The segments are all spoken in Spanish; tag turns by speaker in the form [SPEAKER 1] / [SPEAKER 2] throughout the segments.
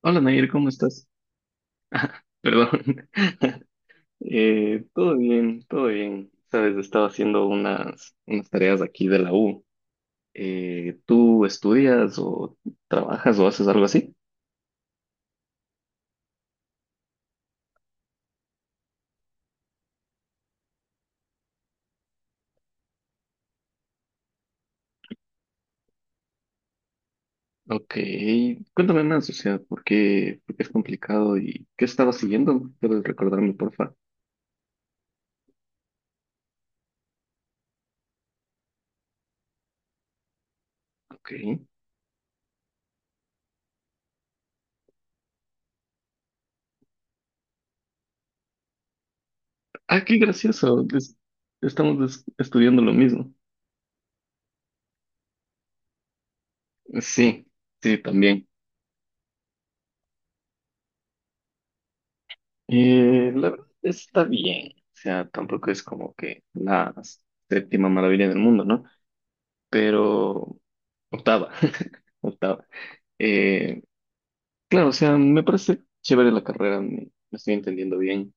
[SPEAKER 1] Hola Nair, ¿cómo estás? Perdón. Todo bien, todo bien. Sabes, estaba haciendo unas tareas aquí de la U. ¿Tú estudias o trabajas o haces algo así? Ok, cuéntame más, o sea, ¿por qué es complicado y qué estaba siguiendo? ¿Puedes recordarme, porfa? Ok. Ah, qué gracioso. Estamos estudiando lo mismo. Sí, sí, también. La verdad está bien, o sea, tampoco es como que la séptima maravilla del mundo, ¿no? Pero octava, octava. Eh, claro, o sea, me parece chévere la carrera, me estoy entendiendo bien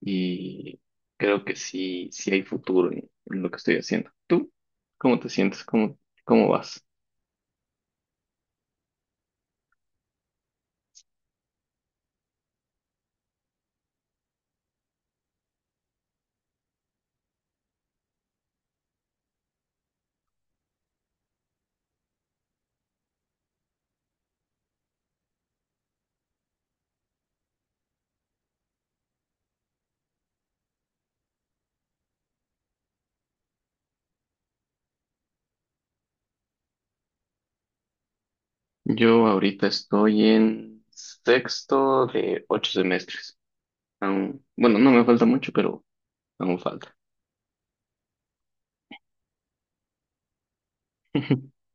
[SPEAKER 1] y creo que sí, sí hay futuro en lo que estoy haciendo. ¿Tú cómo te sientes? ¿Cómo vas? Yo ahorita estoy en sexto de ocho semestres. Aún, bueno, no me falta mucho, pero aún falta.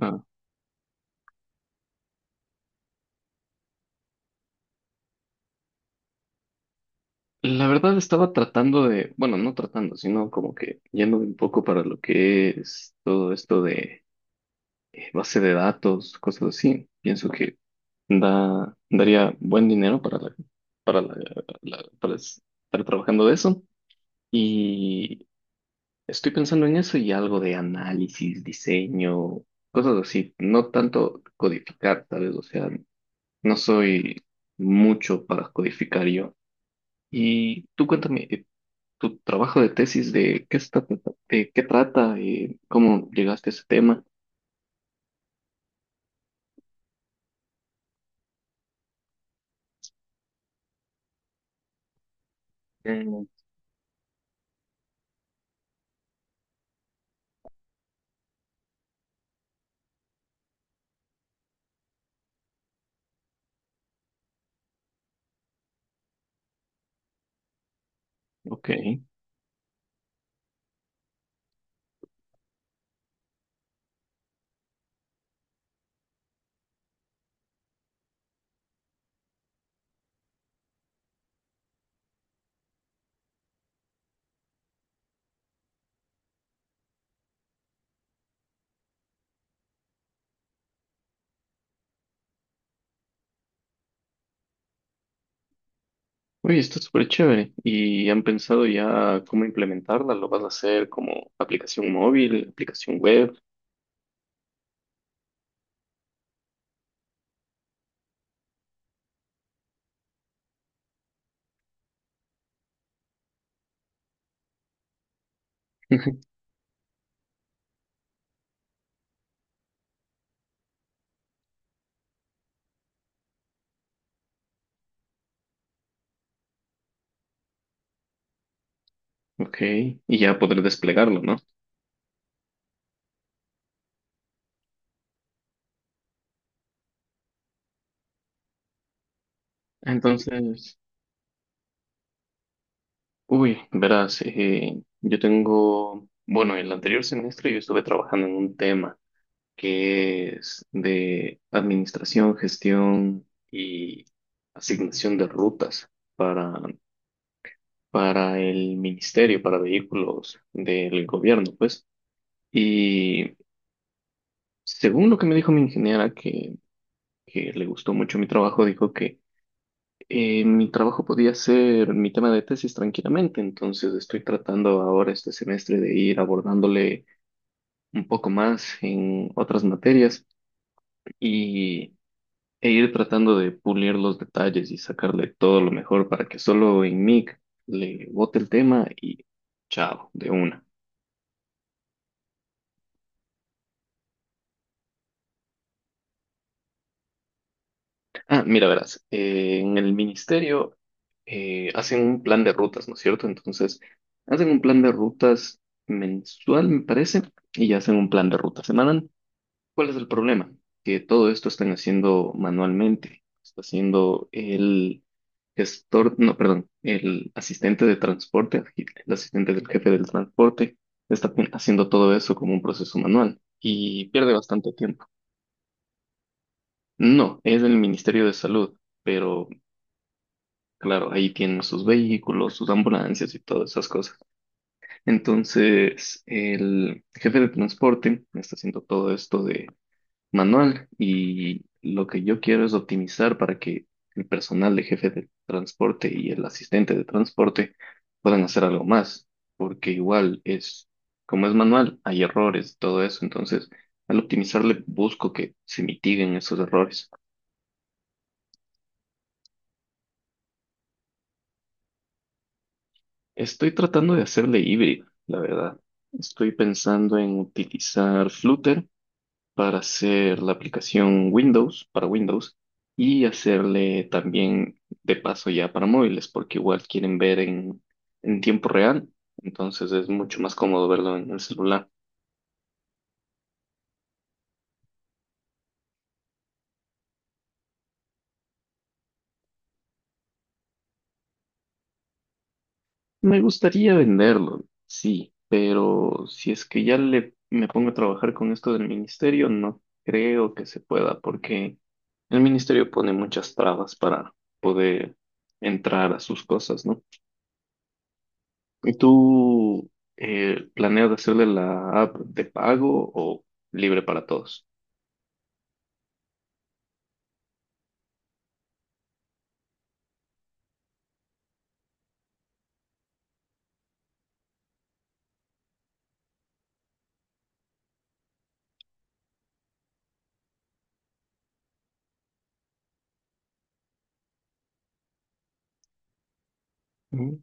[SPEAKER 1] Ah, la verdad estaba tratando de, bueno, no tratando, sino como que yéndome un poco para lo que es todo esto de base de datos, cosas así. Pienso que daría buen dinero para la- para estar trabajando de eso. Y estoy pensando en eso y algo de análisis, diseño, cosas así. No tanto codificar, ¿sabes? O sea, no soy mucho para codificar yo. Y tú cuéntame tu trabajo de tesis, de qué trata y cómo llegaste a ese tema. Mm, ok. Oye, está súper chévere. ¿Y han pensado ya cómo implementarla? ¿Lo vas a hacer como aplicación móvil, aplicación web? Ok, y ya poder desplegarlo, ¿no? Entonces, uy, verás, yo tengo, bueno, el anterior semestre yo estuve trabajando en un tema que es de administración, gestión y asignación de rutas para, para el ministerio, para vehículos del gobierno, pues. Y según lo que me dijo mi ingeniera, que le gustó mucho mi trabajo, dijo que mi trabajo podía ser mi tema de tesis tranquilamente, entonces estoy tratando ahora este semestre de ir abordándole un poco más en otras materias y e ir tratando de pulir los detalles y sacarle todo lo mejor para que solo en Mic le bote el tema y chao, de una. Ah, mira, verás, en el ministerio hacen un plan de rutas, ¿no es cierto? Entonces, hacen un plan de rutas mensual, me parece, y hacen un plan de ruta semanal. ¿Cuál es el problema? Que todo esto están haciendo manualmente. Está haciendo el gestor, no, perdón, el asistente de transporte, el asistente del jefe del transporte, está haciendo todo eso como un proceso manual y pierde bastante tiempo. No, es el Ministerio de Salud, pero claro, ahí tienen sus vehículos, sus ambulancias y todas esas cosas. Entonces, el jefe de transporte está haciendo todo esto de manual y lo que yo quiero es optimizar para que el personal de jefe de transporte y el asistente de transporte puedan hacer algo más, porque igual es, como es manual, hay errores, todo eso, entonces al optimizarle busco que se mitiguen esos errores. Estoy tratando de hacerle híbrido, la verdad. Estoy pensando en utilizar Flutter para hacer la aplicación Windows, para Windows, y hacerle también de paso ya para móviles, porque igual quieren ver en tiempo real, entonces es mucho más cómodo verlo en el celular. Me gustaría venderlo, sí, pero si es que ya le, me pongo a trabajar con esto del ministerio, no creo que se pueda, porque el ministerio pone muchas trabas para poder entrar a sus cosas, ¿no? ¿Y tú planeas hacerle la app de pago o libre para todos? Mm,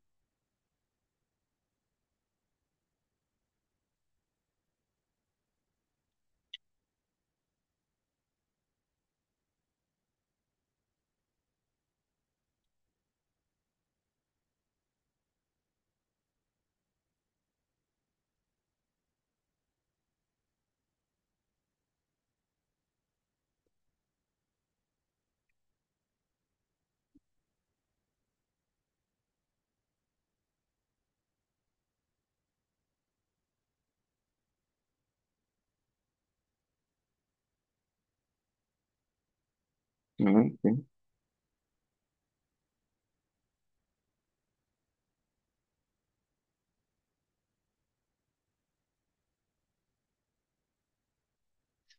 [SPEAKER 1] mm, ok.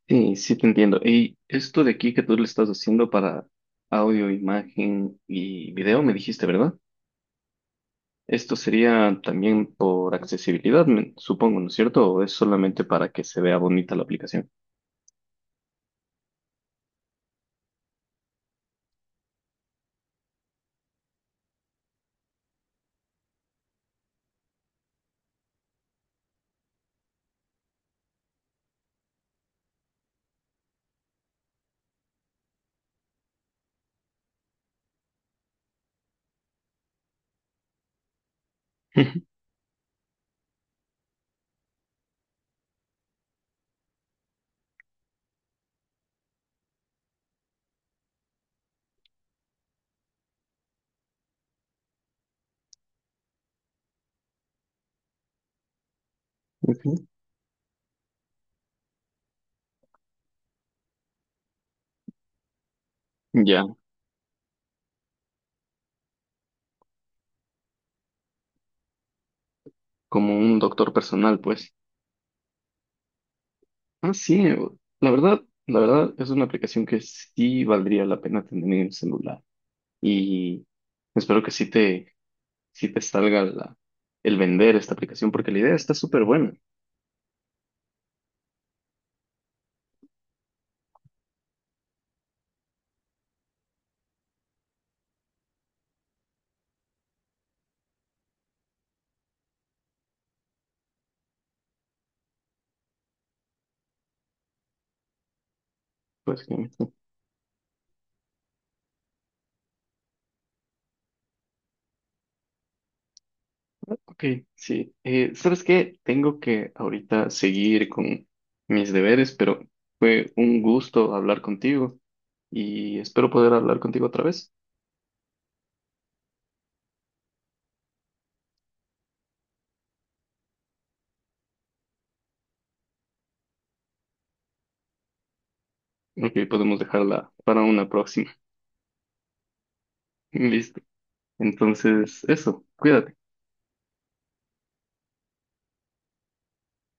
[SPEAKER 1] Sí, sí te entiendo. Y esto de aquí que tú le estás haciendo para audio, imagen y video, me dijiste, ¿verdad? Esto sería también por accesibilidad, supongo, ¿no es cierto? ¿O es solamente para que se vea bonita la aplicación? Ujú. Ya, como un doctor personal, pues. Ah, sí, la verdad, la verdad es una aplicación que sí valdría la pena tener en el celular y espero que sí te salga el vender esta aplicación porque la idea está súper buena. Pues, que- ok, sí. ¿Sabes qué? Tengo que ahorita seguir con mis deberes, pero fue un gusto hablar contigo y espero poder hablar contigo otra vez. Ok, podemos dejarla para una próxima. Listo. Entonces, eso, cuídate.